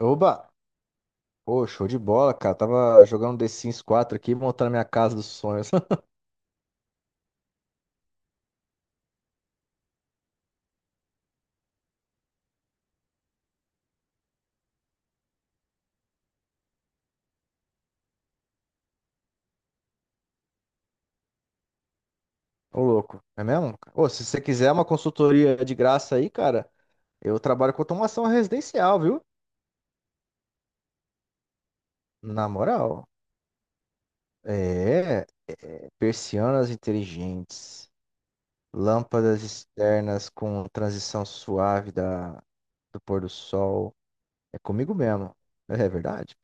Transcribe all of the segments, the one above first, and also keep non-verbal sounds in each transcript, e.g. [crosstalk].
Oba! Pô, show de bola, cara. Tava jogando The Sims 4 aqui, montando minha casa dos sonhos. [laughs] Ô, louco. É mesmo, cara? Ô, se você quiser uma consultoria de graça aí, cara, eu trabalho com automação residencial, viu? Na moral. É, persianas inteligentes, lâmpadas externas com transição suave da, do pôr do sol. É comigo mesmo. É verdade?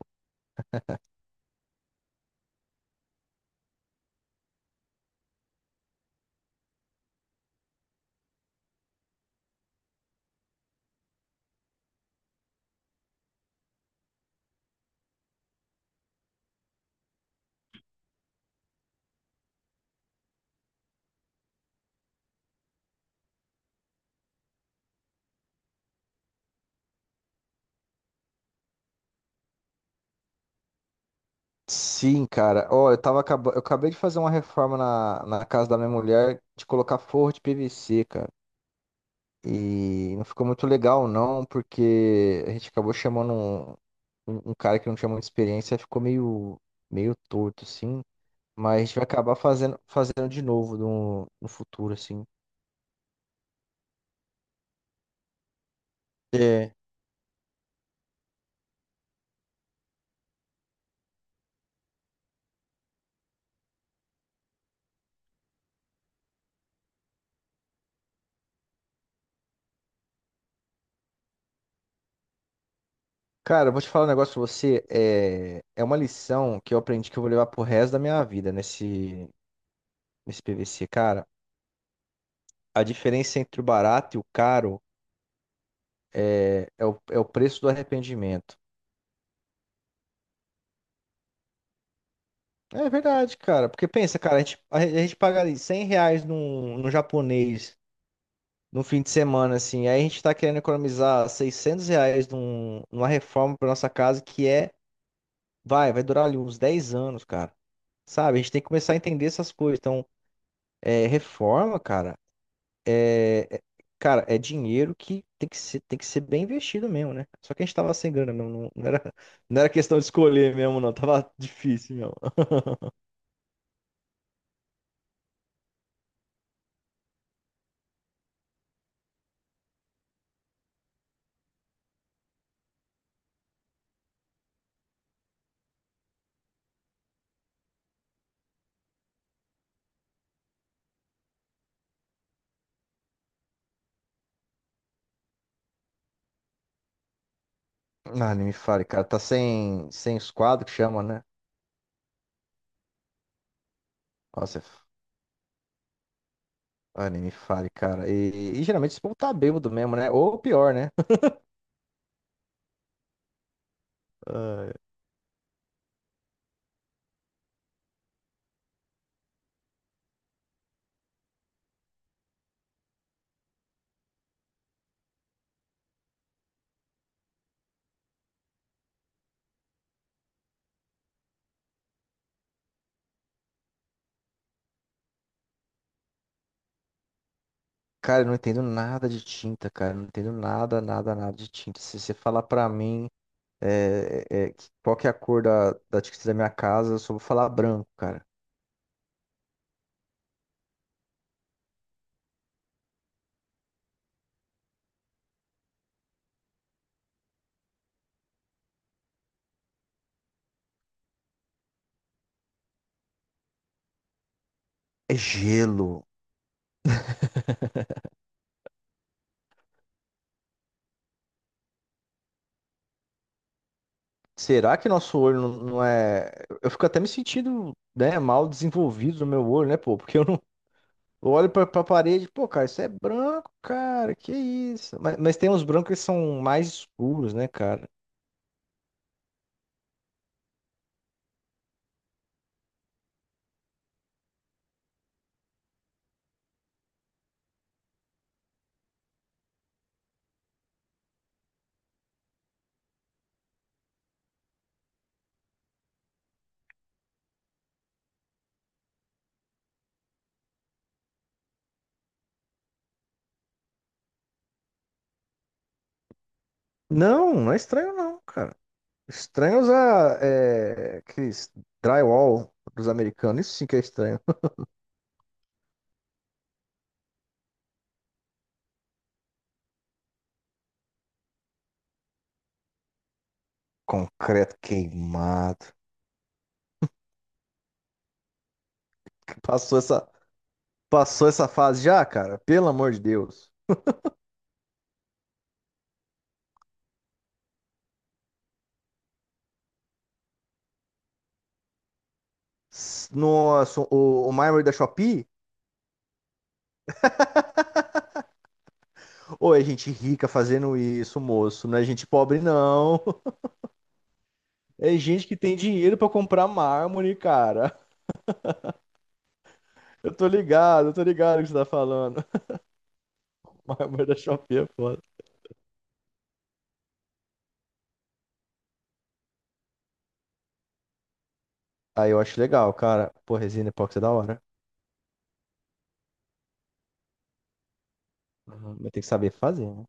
Sim, cara. Ó, eu tava eu acabei de fazer uma reforma na casa da minha mulher de colocar forro de PVC, cara. E não ficou muito legal, não, porque a gente acabou chamando um cara que não tinha muita experiência, ficou meio, meio torto, assim. Mas a gente vai acabar fazendo de novo no futuro, assim. É. Cara, eu vou te falar um negócio pra você. É, é uma lição que eu aprendi que eu vou levar pro resto da minha vida nesse PVC, cara. A diferença entre o barato e o caro. É o preço do arrependimento. É verdade, cara. Porque pensa, cara, a gente paga ali R$ 100 num japonês no fim de semana, assim. Aí a gente tá querendo economizar R$ 600 num, numa reforma pra nossa casa que é, vai durar ali uns 10 anos, cara. Sabe? A gente tem que começar a entender essas coisas. Então, é, reforma, cara, é, é- cara, é dinheiro que tem que ser bem investido mesmo, né? Só que a gente tava sem grana mesmo. Não, não era, [laughs] não era questão de escolher mesmo, não. Tava difícil, mesmo. Ah, nem me fale, cara. Tá sem os quadros que chama, né? Nossa, ah, nem me fale, cara. E geralmente esse povo tá bêbado mesmo, né? Ou pior, né? Ah, cara, eu não entendo nada de tinta, cara. Eu não entendo nada, nada, nada de tinta. Se você falar pra mim qual que é a cor da tinta da minha casa, eu só vou falar branco, cara. É gelo. Será que nosso olho não, não é. Eu fico até me sentindo, né, mal desenvolvido no meu olho, né, pô? Porque eu não. Eu olho pra parede, pô, cara, isso é branco, cara, que isso? Mas tem uns brancos que são mais escuros, né, cara? Não, não é estranho não, cara. Estranho usar é, aqueles drywall dos americanos, isso sim que é estranho. Concreto queimado. Passou essa, passou essa fase já, cara? Pelo amor de Deus. Nossa, o mármore da Shopee? Ou é gente rica fazendo isso, moço? Não é gente pobre, não. [laughs] É gente que tem dinheiro pra comprar mármore, cara. Eu tô ligado o que você tá falando. [laughs] Mas da chope é foda. Aí eu acho legal, cara. Pô, resina epóxi é da hora. Uhum. Mas tem que saber fazer, né?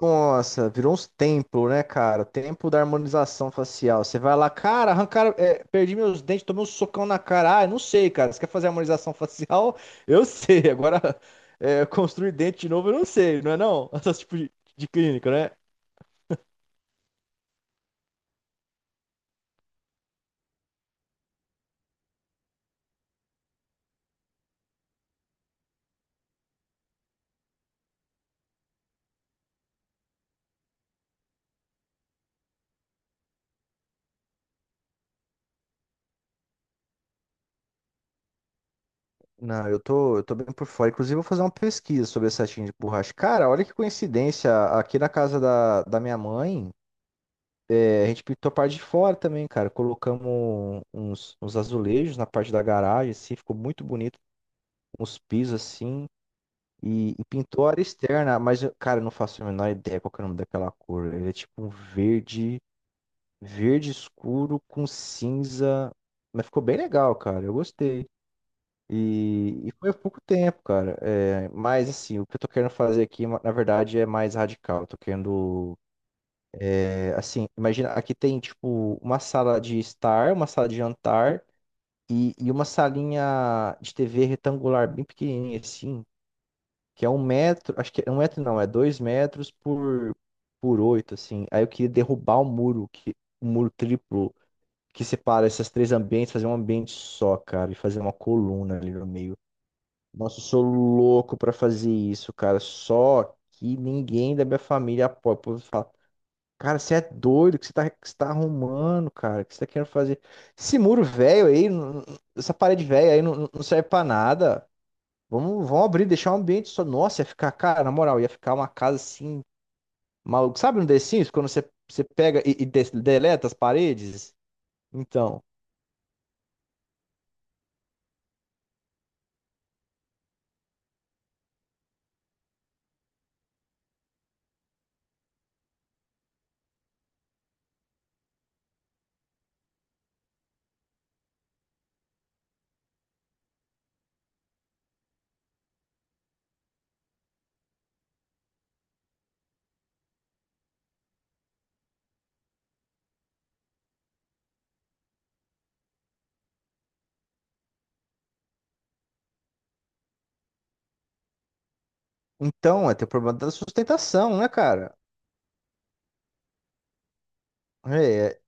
Nossa, virou uns templos, né, cara? Templo da harmonização facial. Você vai lá, cara, arrancaram, é, perdi meus dentes, tomei um socão na cara. Ah, eu não sei, cara. Você quer fazer harmonização facial? [laughs] Eu sei. Agora, é, construir dente de novo, eu não sei, não é não? [laughs] Essas tipo de clínica, né? Não, eu tô bem por fora. Inclusive, eu vou fazer uma pesquisa sobre essa tinta de borracha. Cara, olha que coincidência. Aqui na casa da minha mãe, é, a gente pintou a parte de fora também, cara. Colocamos uns azulejos na parte da garagem, assim, ficou muito bonito. Uns pisos, assim. E pintou a área externa, mas, eu- cara, eu não faço a menor ideia qual que é o nome daquela cor. Ele é tipo um verde, verde escuro com cinza. Mas ficou bem legal, cara. Eu gostei. E foi há pouco tempo, cara. É, mas, assim, o que eu tô querendo fazer aqui, na verdade, é mais radical. Eu tô querendo. É, assim, imagina, aqui tem, tipo, uma sala de estar, uma sala de jantar e uma salinha de TV retangular, bem pequenininha, assim, que é 1 metro. Acho que é 1 metro, não, é 2 metros por 8, assim. Aí eu queria derrubar o muro triplo que separa esses três ambientes, fazer um ambiente só, cara, e fazer uma coluna ali no meio. Nossa, eu sou louco pra fazer isso, cara. Só que ninguém da minha família apoia. O povo fala, cara, você é doido, o que você tá arrumando, cara? O que você tá querendo fazer? Esse muro velho aí, essa parede velha aí não serve pra nada. Vamos abrir, deixar um ambiente só. Nossa, ia ficar, cara, na moral, ia ficar uma casa assim, maluco. Sabe no The Sims, quando você pega deleta as paredes? Então, então, é, ter o problema da sustentação, né, cara? É,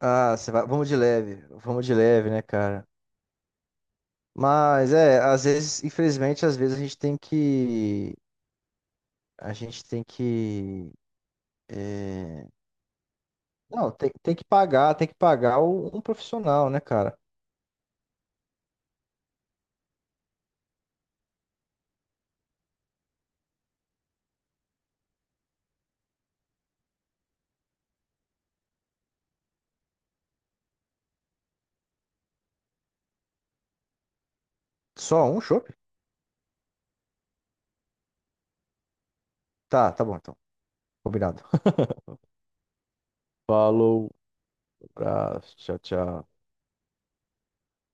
Ah, vamos de leve, né, cara? Mas é, às vezes, infelizmente, às vezes a gente tem que, a gente tem que, é, não, tem que pagar um profissional, né, cara? Só um chopp? Tá, tá bom, então, combinado. Falou, abraço, tchau, tchau.